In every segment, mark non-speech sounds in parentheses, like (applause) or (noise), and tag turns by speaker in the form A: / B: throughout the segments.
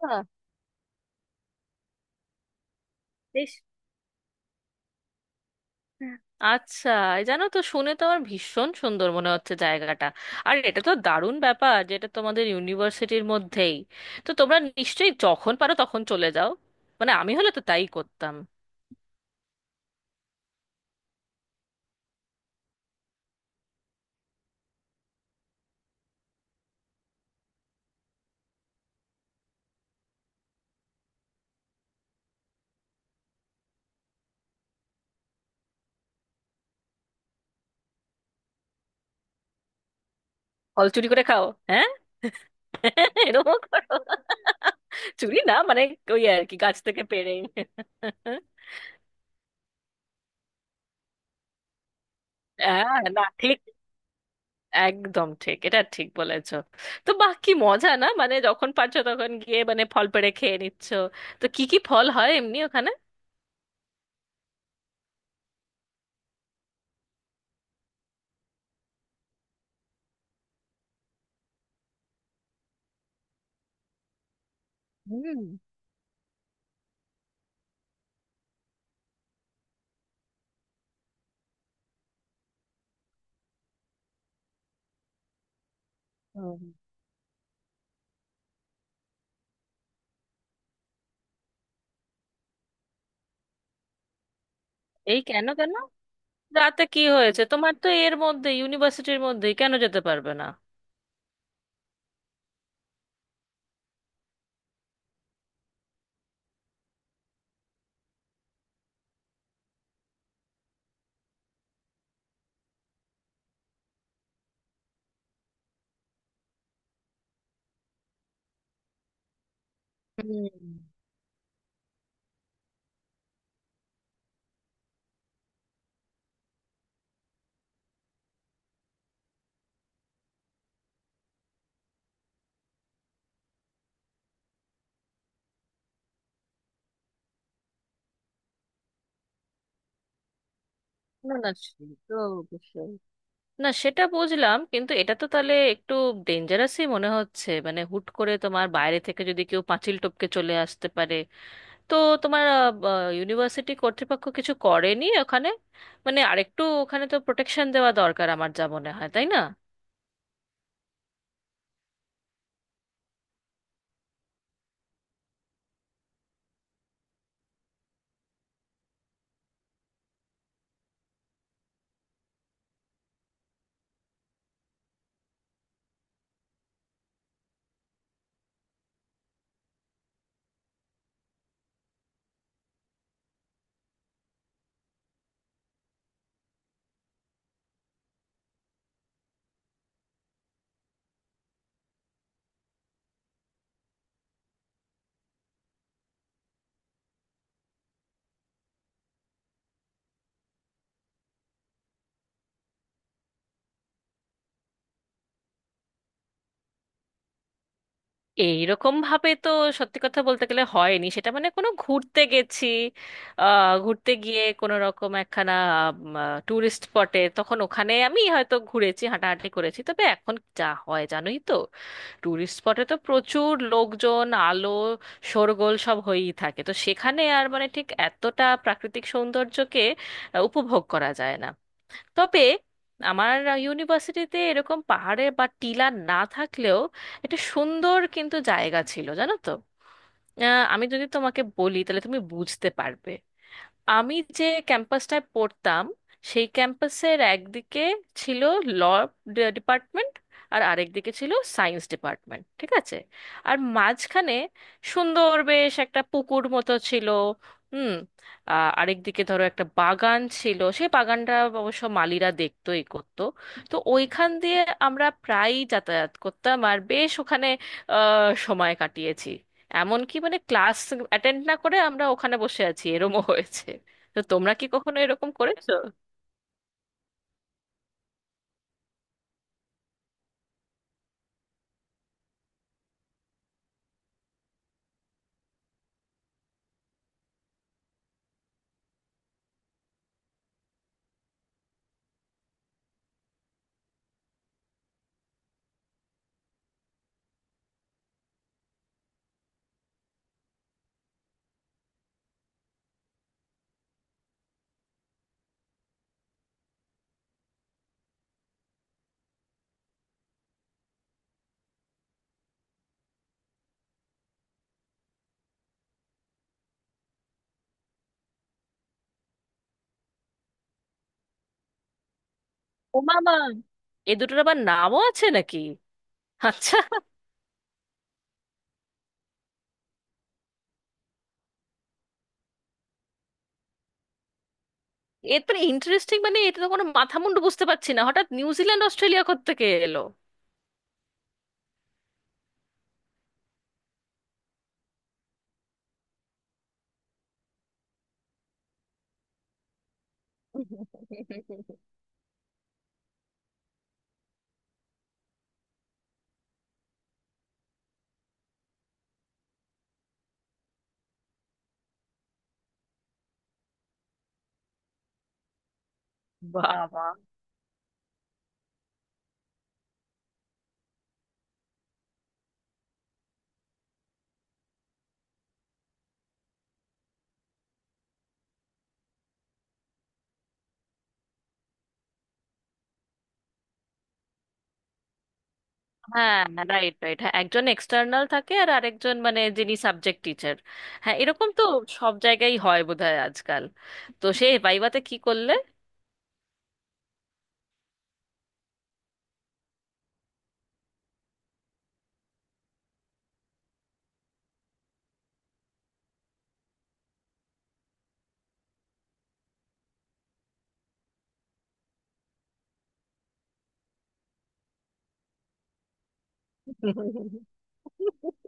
A: বাহ, বেশ। হ্যাঁ। আচ্ছা, এই জানো তো, শুনে তো আমার ভীষণ সুন্দর মনে হচ্ছে জায়গাটা। আর এটা তো দারুণ ব্যাপার, যেটা তোমাদের ইউনিভার্সিটির মধ্যেই। তো তোমরা নিশ্চয়ই যখন পারো তখন চলে যাও। আমি হলে তো তাই করতাম। ফল চুরি করে খাও? হ্যাঁ, (laughs) এরকম করো? চুরি না ওই আর কি, গাছ থেকে পেড়ে। (laughs) হ্যাঁ, না ঠিক। একদম ঠিক, এটা ঠিক বলেছো। তো বাহ, কি মজা না, যখন পারছো তখন গিয়ে ফল পেড়ে খেয়ে নিচ্ছ। তো কি কি ফল হয় এমনি ওখানে? হুম। হুম। এই কেন, কেন? রাতে কি হয়েছে তোমার? তো এর মধ্যে, ইউনিভার্সিটির মধ্যে কেন যেতে পারবে না? হুম। না না, সে তো অবশ্যই। না, সেটা বুঝলাম, কিন্তু এটা তো তাহলে একটু ডেঞ্জারাসই মনে হচ্ছে। হুট করে তোমার বাইরে থেকে যদি কেউ পাঁচিল টপকে চলে আসতে পারে, তো তোমার ইউনিভার্সিটি কর্তৃপক্ষ কিছু করেনি ওখানে? আরেকটু ওখানে তো প্রোটেকশন দেওয়া দরকার, আমার যা মনে হয়, তাই না? এইরকম ভাবে তো সত্যি কথা বলতে গেলে হয়নি সেটা। কোনো ঘুরতে গেছি, ঘুরতে গিয়ে কোনো রকম একখানা ট্যুরিস্ট স্পটে, তখন ওখানে আমি হয়তো ঘুরেছি, হাঁটাহাঁটি করেছি। তবে এখন যা হয় জানোই তো, টুরিস্ট স্পটে তো প্রচুর লোকজন, আলো, শোরগোল সব হয়েই থাকে। তো সেখানে আর ঠিক এতটা প্রাকৃতিক সৌন্দর্যকে উপভোগ করা যায় না। তবে আমার ইউনিভার্সিটিতে এরকম পাহাড়ে বা টিলা না থাকলেও একটা সুন্দর কিন্তু জায়গা ছিল জানো তো। আমি যদি তোমাকে বলি তাহলে তুমি বুঝতে পারবে। আমি যে ক্যাম্পাসটায় পড়তাম, সেই ক্যাম্পাসের একদিকে ছিল ল ডিপার্টমেন্ট, আর আরেকদিকে ছিল সায়েন্স ডিপার্টমেন্ট, ঠিক আছে? আর মাঝখানে সুন্দর বেশ একটা পুকুর মতো ছিল। হুম। আরেকদিকে ধরো একটা বাগান ছিল। সেই বাগানটা অবশ্য মালিরা দেখতো, এই করতো। তো ওইখান দিয়ে আমরা প্রায়ই যাতায়াত করতাম, আর বেশ ওখানে সময় কাটিয়েছি। এমনকি ক্লাস অ্যাটেন্ড না করে আমরা ওখানে বসে আছি, এরমও হয়েছে। তো তোমরা কি কখনো এরকম করেছো? ও মামা, এ দুটোর আবার নামও আছে নাকি? আচ্ছা, এর তো ইন্টারেস্টিং, এটা তো কোনো মাথা মুন্ডু বুঝতে পারছি না। হঠাৎ নিউজিল্যান্ড অস্ট্রেলিয়া কোত্থেকে এলো? বাবা। হ্যাঁ, রাইট, রাইট, হ্যাঁ, একজন এক্সটার্নাল থাকে, আর আরেকজন যিনি সাবজেক্ট টিচার। হ্যাঁ, এরকম তো সব জায়গায় হয় বোধহয় আজকাল। তো সে ভাইভাতে কি করলে? (laughs)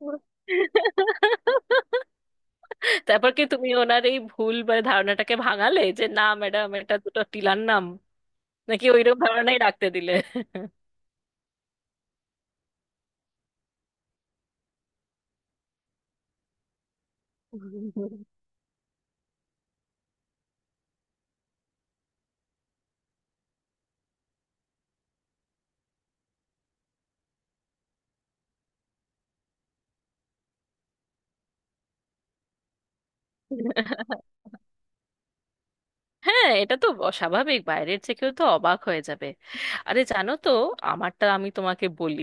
A: (laughs) তারপর কি তুমি ওনার এই ভুল বা ধারণাটাকে ভাঙালে যে, না ম্যাডাম, এটা দুটো টিলার নাম, নাকি ওইরকম ধারণাই রাখতে দিলে? (laughs) হ্যাঁ, এটা তো অস্বাভাবিক, বাইরের যে কেউ তো অবাক হয়ে যাবে। আরে জানো তো, আমারটা আমি তোমাকে বলি।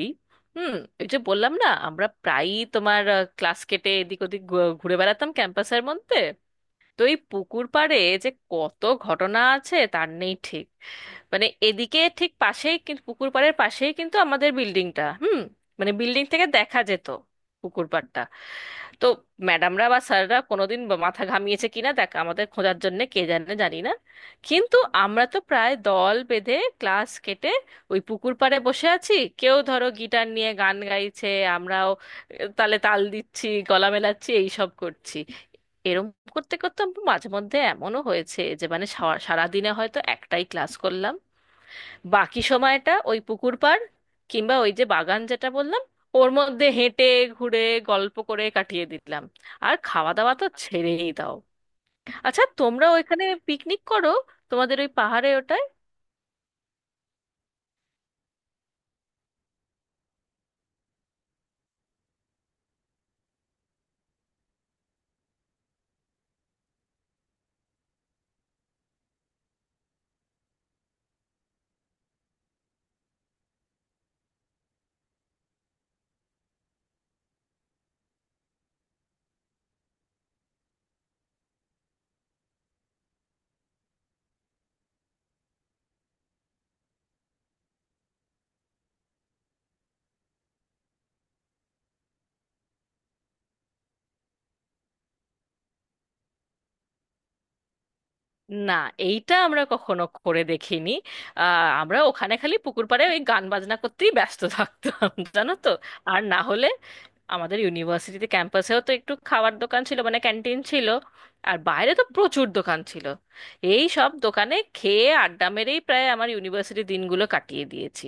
A: হুম। ওই যে বললাম না, আমরা প্রায়ই তোমার ক্লাস কেটে এদিক ওদিক ঘুরে বেড়াতাম ক্যাম্পাসের মধ্যে। তো এই পুকুর পাড়ে যে কত ঘটনা আছে তার নেই ঠিক। এদিকে ঠিক পাশেই, কিন্তু পুকুর পাড়ের পাশেই কিন্তু আমাদের বিল্ডিংটা। হুম। মানে বিল্ডিং থেকে দেখা যেত পুকুর পাড়টা। তো ম্যাডামরা বা স্যাররা কোনোদিন বা মাথা ঘামিয়েছে কিনা দেখ, আমাদের খোঁজার জন্য, কে জানে, জানি না। কিন্তু আমরা তো প্রায় দল বেঁধে ক্লাস কেটে ওই পুকুর পাড়ে বসে আছি, কেউ ধরো গিটার নিয়ে গান গাইছে, আমরাও তালে তাল দিচ্ছি, গলা মেলাচ্ছি, এইসব করছি। এরম করতে করতে আমার মাঝে মধ্যে এমনও হয়েছে যে সারাদিনে হয়তো একটাই ক্লাস করলাম, বাকি সময়টা ওই পুকুর পাড়, কিংবা ওই যে বাগান যেটা বললাম, ওর মধ্যে হেঁটে, ঘুরে, গল্প করে কাটিয়ে দিলাম। আর খাওয়া দাওয়া তো ছেড়েই দাও। আচ্ছা, তোমরা ওইখানে পিকনিক করো? তোমাদের ওই পাহাড়ে, ওটায়? না, এইটা আমরা কখনো করে দেখিনি। আহ, আমরা ওখানে খালি পুকুর পাড়ে ওই গান বাজনা করতেই ব্যস্ত থাকতাম, জানো তো। আর না হলে আমাদের ইউনিভার্সিটিতে ক্যাম্পাসেও তো একটু খাবার দোকান ছিল, মানে ক্যান্টিন ছিল। আর বাইরে তো প্রচুর দোকান ছিল। এই সব দোকানে খেয়ে আড্ডা মেরেই প্রায় আমার ইউনিভার্সিটি দিনগুলো কাটিয়ে দিয়েছি।